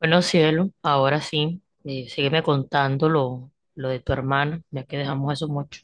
Bueno, cielo, ahora sí, sígueme contando lo de tu hermana, ya que dejamos eso mucho.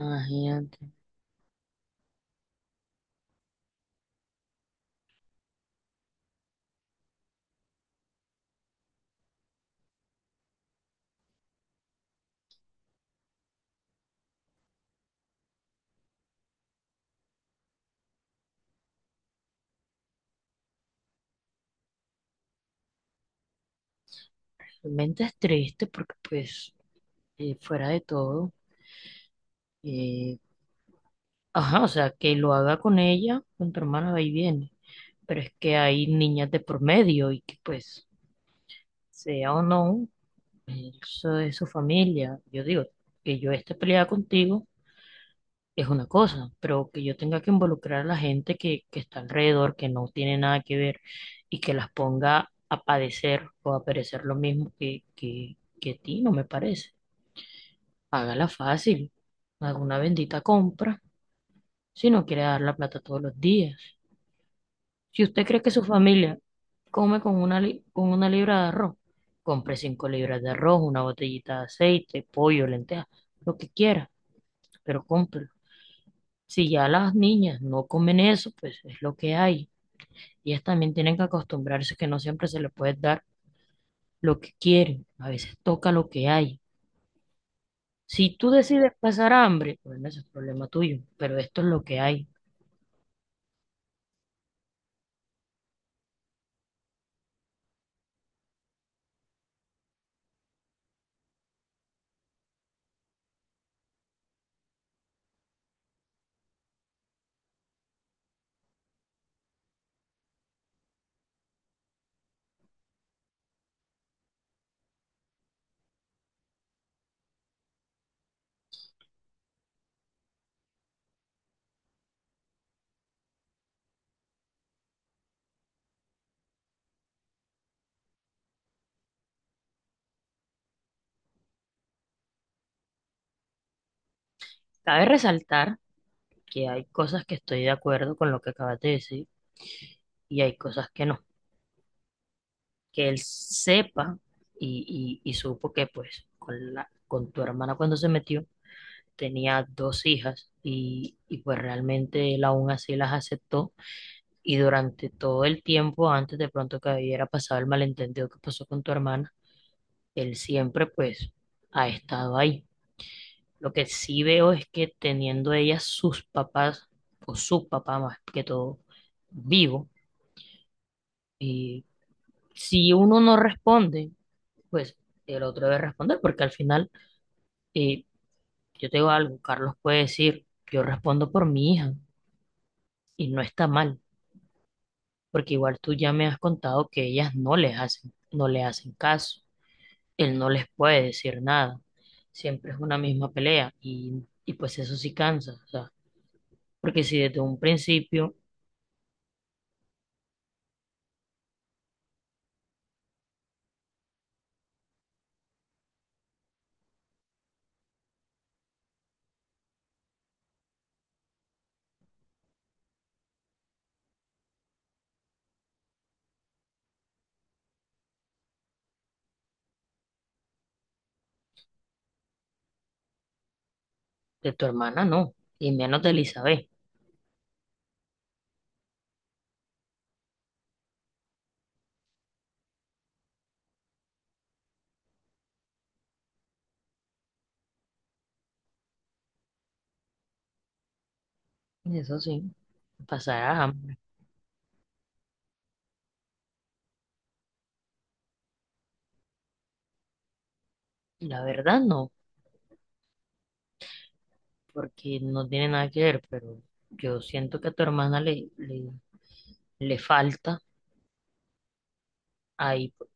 Imagínate, realmente es triste porque pues fuera de todo, eh, ajá, o sea, que lo haga con ella, con tu hermana va y viene, pero es que hay niñas de por medio y que pues, sea o no, eso es su familia. Yo digo que yo esté peleada contigo es una cosa, pero que yo tenga que involucrar a la gente que está alrededor, que no tiene nada que ver y que las ponga a padecer o a perecer lo mismo que a ti, no me parece. Hágala fácil, haga una bendita compra si no quiere dar la plata todos los días. Si usted cree que su familia come con una, con una libra de arroz, compre cinco libras de arroz, una botellita de aceite, pollo, lentejas, lo que quiera, pero compre. Si ya las niñas no comen eso, pues es lo que hay. Ellas también tienen que acostumbrarse que no siempre se les puede dar lo que quieren. A veces toca lo que hay. Si tú decides pasar hambre, bueno, ese es problema tuyo, pero esto es lo que hay. Cabe resaltar que hay cosas que estoy de acuerdo con lo que acabas de decir y hay cosas que no. Que él sepa y supo que pues con la, con tu hermana cuando se metió tenía dos hijas y pues realmente él aún así las aceptó. Y durante todo el tiempo, antes de pronto que hubiera pasado el malentendido que pasó con tu hermana, él siempre pues ha estado ahí. Lo que sí veo es que teniendo ella sus papás, o su papá más que todo, vivo, y si uno no responde, pues el otro debe responder, porque al final, eh, yo te digo algo, Carlos puede decir, yo respondo por mi hija, y no está mal, porque igual tú ya me has contado que ellas no les hacen, no le hacen caso, él no les puede decir nada. Siempre es una misma pelea y pues eso sí cansa, o sea, porque si desde un principio de tu hermana no, y menos de Elizabeth, eso sí, pasarás hambre. La verdad no, porque no tiene nada que ver, pero yo siento que a tu hermana le falta ahí, pues,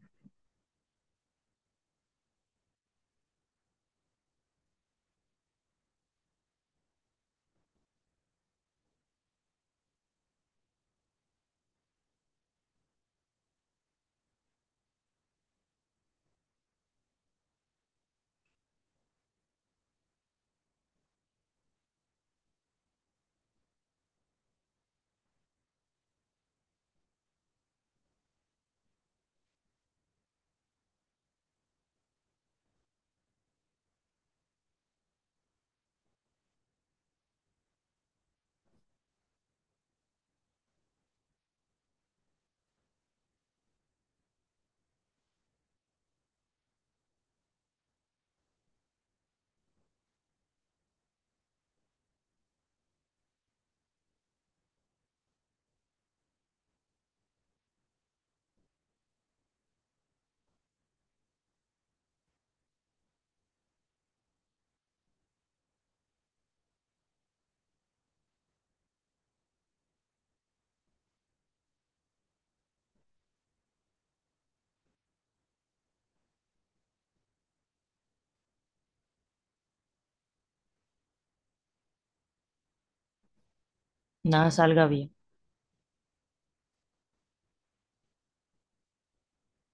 nada salga bien.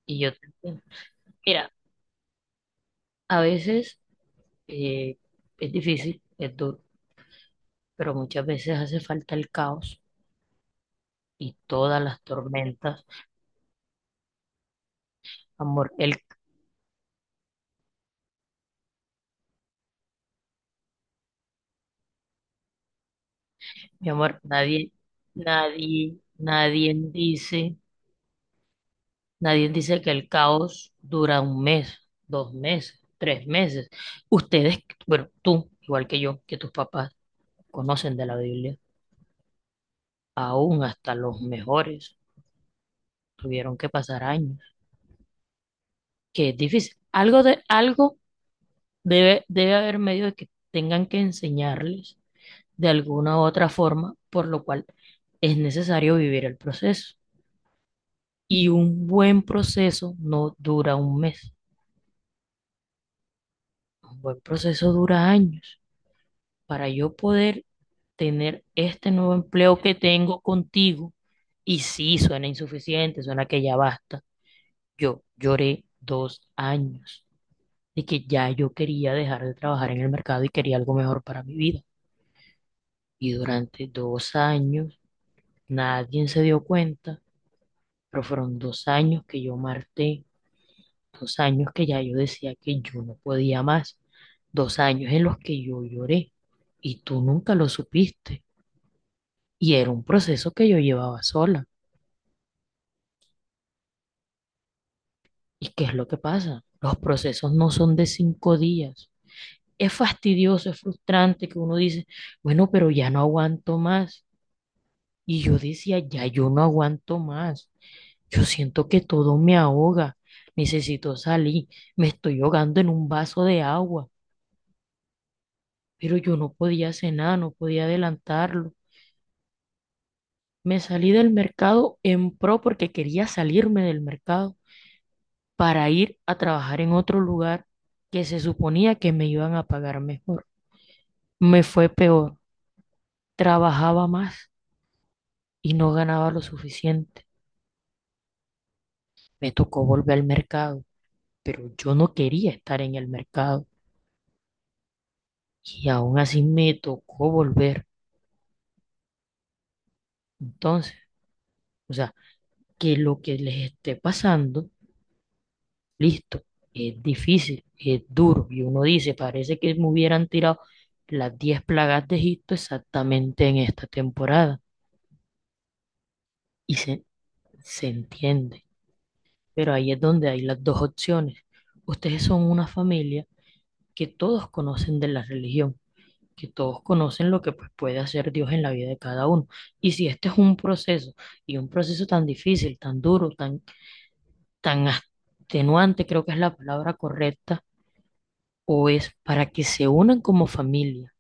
Y yo te entiendo. Mira, a veces eh, es difícil, es duro, pero muchas veces hace falta el caos y todas las tormentas. Amor, el, mi amor, nadie dice nadie dice que el caos dura un mes, dos meses, tres meses. Ustedes, bueno, tú, igual que yo, que tus papás conocen de la Biblia, aún hasta los mejores tuvieron que pasar años, que es difícil. Algo debe, debe haber medio de que tengan que enseñarles de alguna u otra forma, por lo cual es necesario vivir el proceso. Y un buen proceso no dura un mes, un buen proceso dura años. Para yo poder tener este nuevo empleo que tengo contigo, y sí, suena insuficiente, suena que ya basta, yo lloré dos años de que ya yo quería dejar de trabajar en el mercado y quería algo mejor para mi vida. Y durante dos años nadie se dio cuenta, pero fueron dos años que yo marté, dos años que ya yo decía que yo no podía más, dos años en los que yo lloré y tú nunca lo supiste. Y era un proceso que yo llevaba sola. ¿Y qué es lo que pasa? Los procesos no son de cinco días. Es fastidioso, es frustrante que uno dice, bueno, pero ya no aguanto más. Y yo decía, ya yo no aguanto más. Yo siento que todo me ahoga. Necesito salir. Me estoy ahogando en un vaso de agua. Pero yo no podía hacer nada, no podía adelantarlo. Me salí del mercado en pro porque quería salirme del mercado para ir a trabajar en otro lugar que se suponía que me iban a pagar mejor. Me fue peor. Trabajaba más y no ganaba lo suficiente. Me tocó volver al mercado, pero yo no quería estar en el mercado y aún así me tocó volver. Entonces, o sea, que lo que les esté pasando, listo, es difícil, es duro. Y uno dice, parece que me hubieran tirado las 10 plagas de Egipto exactamente en esta temporada. Y se, se entiende. Pero ahí es donde hay las dos opciones. Ustedes son una familia que todos conocen de la religión, que todos conocen lo que pues, puede hacer Dios en la vida de cada uno. Y si este es un proceso, y un proceso tan difícil, tan duro, tan extenuante, creo que es la palabra correcta, o es para que se unan como familia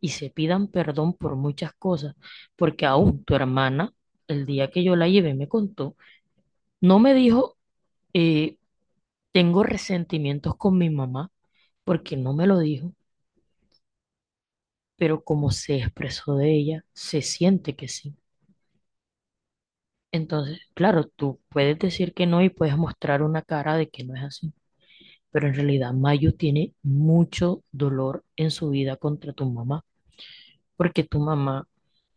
y se pidan perdón por muchas cosas, porque aún tu hermana, el día que yo la llevé, me contó, no me dijo, eh, tengo resentimientos con mi mamá, porque no me lo dijo, pero como se expresó de ella, se siente que sí. Entonces, claro, tú puedes decir que no y puedes mostrar una cara de que no es así, pero en realidad Mayu tiene mucho dolor en su vida contra tu mamá, porque tu mamá,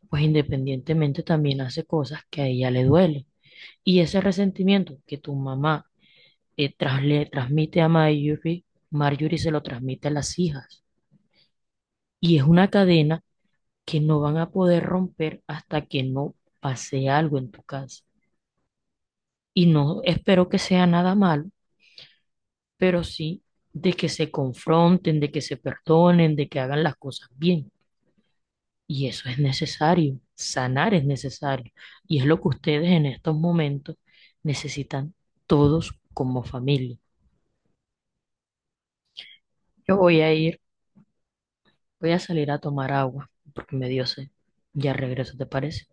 pues independientemente, también hace cosas que a ella le duele. Y ese resentimiento que tu mamá le transmite a Marjorie, Marjorie se lo transmite a las hijas. Y es una cadena que no van a poder romper hasta que no pase algo en tu casa. Y no espero que sea nada malo, pero sí de que se confronten, de que se perdonen, de que hagan las cosas bien. Y eso es necesario, sanar es necesario. Y es lo que ustedes en estos momentos necesitan todos como familia. Yo voy a ir, voy a salir a tomar agua porque me dio sed. Ya regreso, ¿te parece?